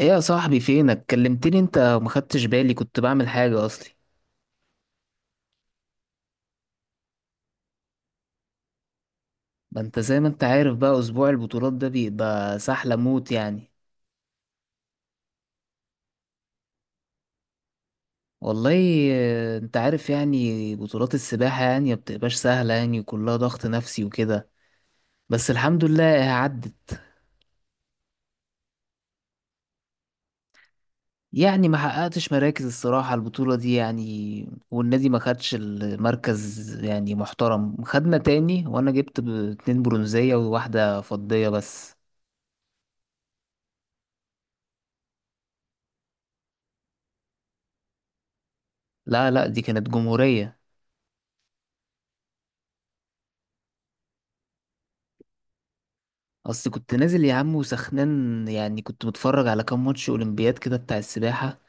ايه يا صاحبي؟ فينك كلمتني انت وما خدتش بالي، كنت بعمل حاجة اصلي. ما انت زي ما انت عارف بقى، اسبوع البطولات ده بيبقى سحلة موت يعني. والله انت عارف يعني بطولات السباحة يعني ما بتبقاش سهلة يعني، وكلها ضغط نفسي وكده. بس الحمد لله عدت. يعني ما حققتش مراكز الصراحة البطولة دي، يعني والنادي ما خدش المركز يعني محترم، خدنا تاني، وانا جبت اتنين برونزية وواحدة فضية بس. لا لا دي كانت جمهورية. اصل كنت نازل يا عم وسخنان، يعني كنت متفرج على كام ماتش اولمبياد كده بتاع السباحة،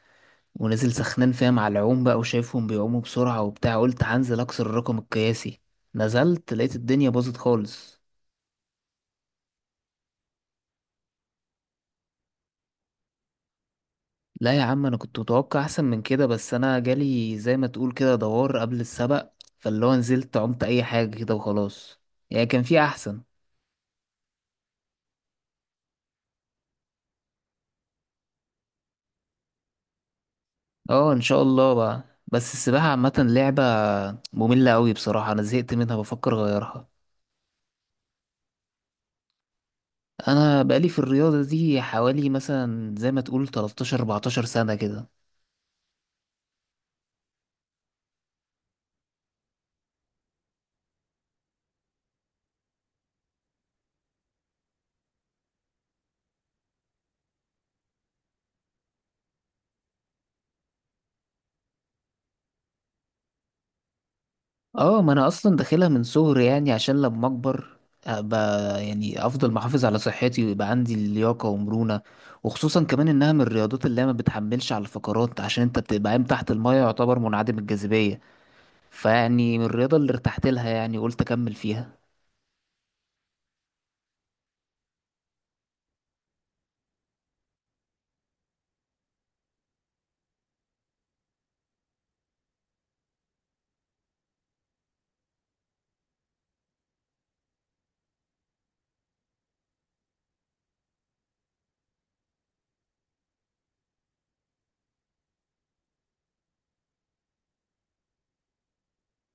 ونازل سخنان فيها مع العوم بقى، وشايفهم بيعوموا بسرعة وبتاع، قلت هنزل اكسر الرقم القياسي. نزلت لقيت الدنيا باظت خالص. لا يا عم انا كنت متوقع احسن من كده، بس انا جالي زي ما تقول كده دوار قبل السبق، فاللي هو نزلت عمت اي حاجة كده وخلاص. يعني كان في احسن. اه ان شاء الله بقى. بس السباحة عامة لعبة مملة قوي بصراحة، انا زهقت منها بفكر اغيرها. انا بقالي في الرياضه دي حوالي مثلا زي ما تقول 13 14 سنه كده. اه ما انا اصلا داخلها من صغري، يعني عشان لما اكبر ابقى يعني افضل محافظ على صحتي، ويبقى عندي لياقه ومرونه. وخصوصا كمان انها من الرياضات اللي هي ما بتحملش على الفقرات، عشان انت بتبقى قايم تحت المايه يعتبر منعدم الجاذبيه. فيعني من الرياضه اللي ارتحت لها، يعني قلت اكمل فيها.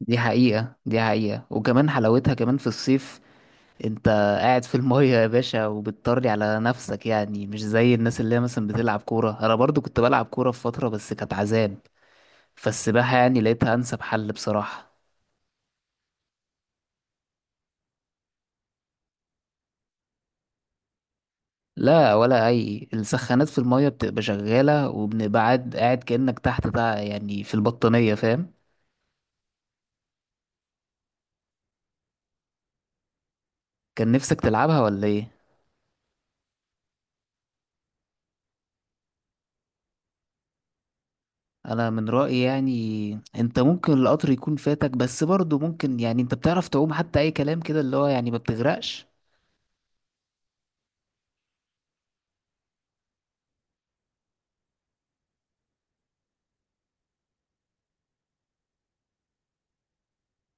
دي حقيقه دي حقيقه، وكمان حلاوتها كمان في الصيف. انت قاعد في المية يا باشا وبتطري على نفسك، يعني مش زي الناس اللي هي مثلا بتلعب كورة. انا برضو كنت بلعب كورة في فترة بس كانت عذاب. فالسباحة يعني لقيتها انسب حل بصراحة. لا، ولا اي، السخانات في المية بتبقى شغالة، وبنبعد قاعد كأنك تحت بقى يعني في البطانية، فاهم؟ كان نفسك تلعبها ولا ايه؟ انا من رأيي يعني انت ممكن القطر يكون فاتك، بس برضو ممكن يعني انت بتعرف تعوم حتى اي كلام كده، اللي هو يعني ما بتغرقش.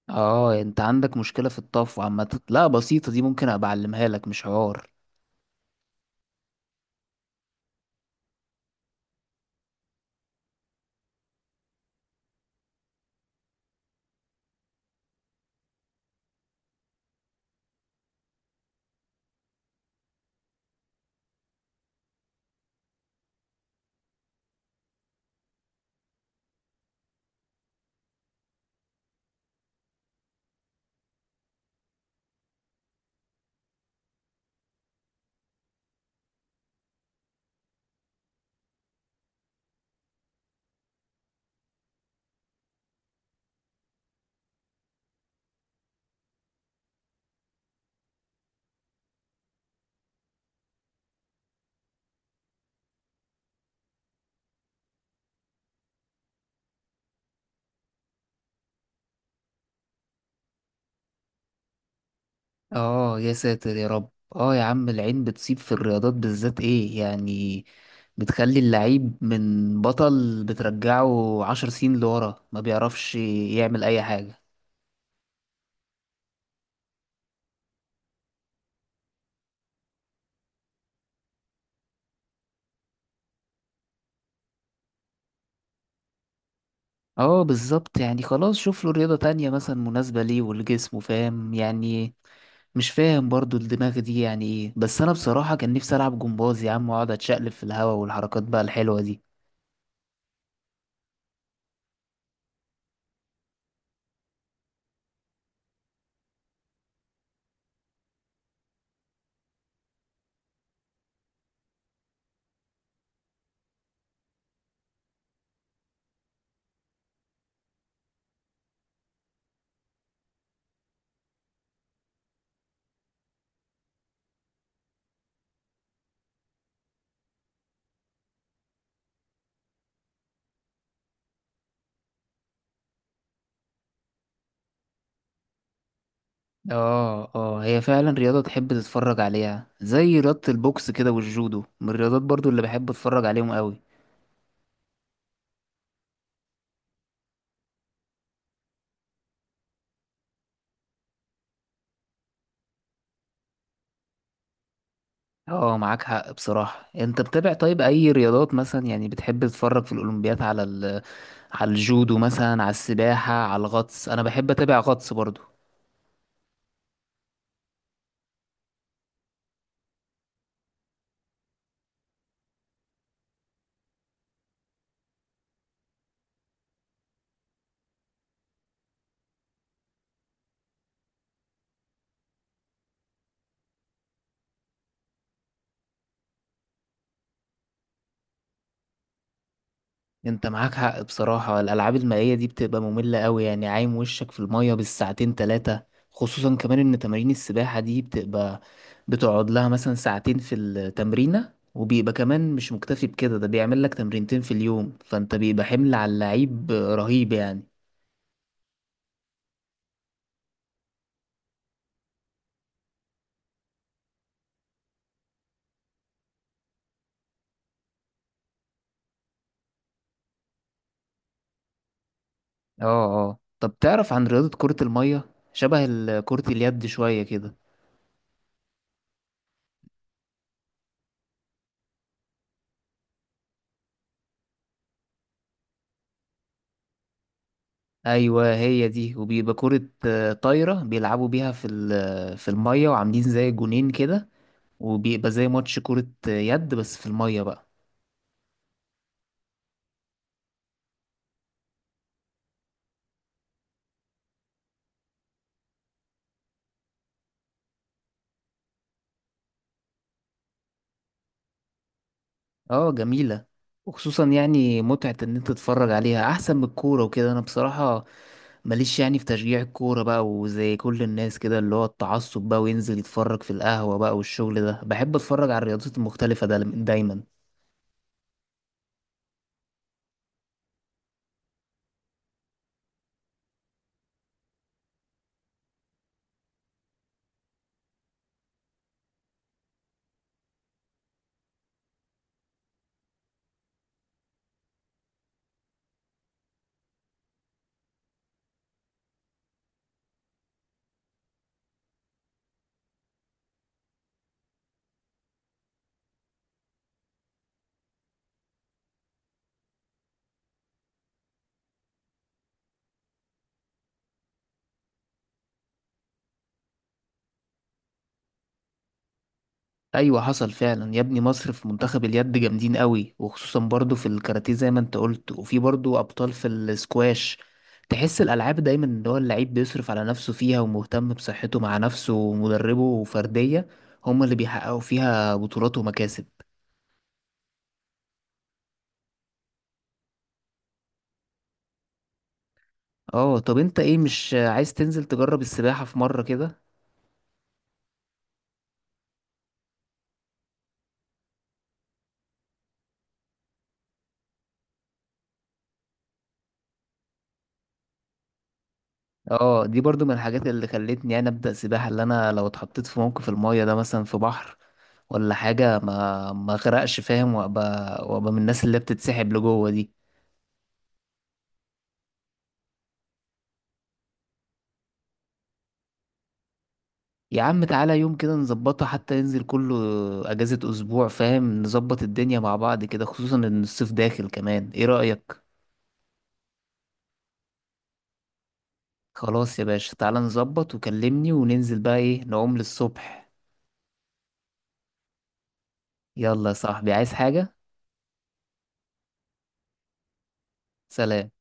اه انت عندك مشكلة في الطفو عامة، لا بسيطة دي ممكن ابقى اعلمها لك مش حوار. اه يا ساتر يا رب. اه يا عم العين بتصيب في الرياضات بالذات، ايه يعني، بتخلي اللعيب من بطل بترجعه عشر سنين لورا، ما بيعرفش يعمل اي حاجة. اه بالظبط، يعني خلاص شوف له رياضة تانية مثلا مناسبة ليه ولجسمه، فاهم يعني؟ مش فاهم برضو الدماغ دي يعني ايه، بس انا بصراحة كان نفسي العب جمباز يا عم، واقعد اتشقلب في الهوا والحركات بقى الحلوة دي. اه اه، هي فعلا رياضة تحب تتفرج عليها، زي رياضة البوكس كده والجودو من الرياضات برضو اللي بحب اتفرج عليهم قوي. اه معاك حق بصراحة. انت بتابع طيب اي رياضات مثلا يعني بتحب تتفرج في الاولمبياد على على الجودو مثلا، على السباحة، على الغطس، انا بحب اتابع غطس برضو. انت معاك حق بصراحة، الألعاب المائية دي بتبقى مملة قوي، يعني عايم وشك في المية بالساعتين تلاتة. خصوصا كمان ان تمارين السباحة دي بتبقى، بتقعد لها مثلا ساعتين في التمرينة، وبيبقى كمان مش مكتفي بكده، ده بيعمل لك تمرينتين في اليوم، فانت بيبقى حمل على اللعيب رهيب يعني. اه اه، طب تعرف عن رياضة كرة المية؟ شبه كرة اليد شوية كده. ايوه هي دي، وبيبقى كرة طايرة بيلعبوا بيها في في المية، وعاملين زي جونين كده، وبيبقى زي ماتش كرة يد بس في المية بقى. اه جميلة، وخصوصا يعني متعة ان انت تتفرج عليها احسن من الكورة وكده. انا بصراحة ماليش يعني في تشجيع الكورة بقى، وزي كل الناس كده اللي هو التعصب بقى وينزل يتفرج في القهوة بقى والشغل ده، بحب اتفرج على الرياضات المختلفة ده دايما. ايوه حصل فعلا يا ابني، مصر في منتخب اليد جامدين قوي، وخصوصا برضو في الكاراتيه زي ما انت قلت، وفي برضو ابطال في السكواش. تحس الالعاب دايما ان هو اللعيب بيصرف على نفسه فيها، ومهتم بصحته مع نفسه ومدربه وفرديه، هما اللي بيحققوا فيها بطولات ومكاسب. اه طب انت ايه، مش عايز تنزل تجرب السباحه في مره كده؟ اه دي برضو من الحاجات اللي خلتني انا ابدا سباحه، اللي انا لو اتحطيت في موقف المايه ده مثلا في بحر ولا حاجة ما غرقش، فاهم؟ وابقى وابقى من الناس اللي بتتسحب لجوه دي. يا عم تعالى يوم كده نظبطه حتى ينزل كله، اجازة اسبوع فاهم، نظبط الدنيا مع بعض كده، خصوصا ان الصيف داخل كمان، ايه رأيك؟ خلاص يا باشا، تعالى نظبط وكلمني وننزل بقى ايه نعوم للصبح. يلا يا صاحبي، عايز حاجة؟ سلام.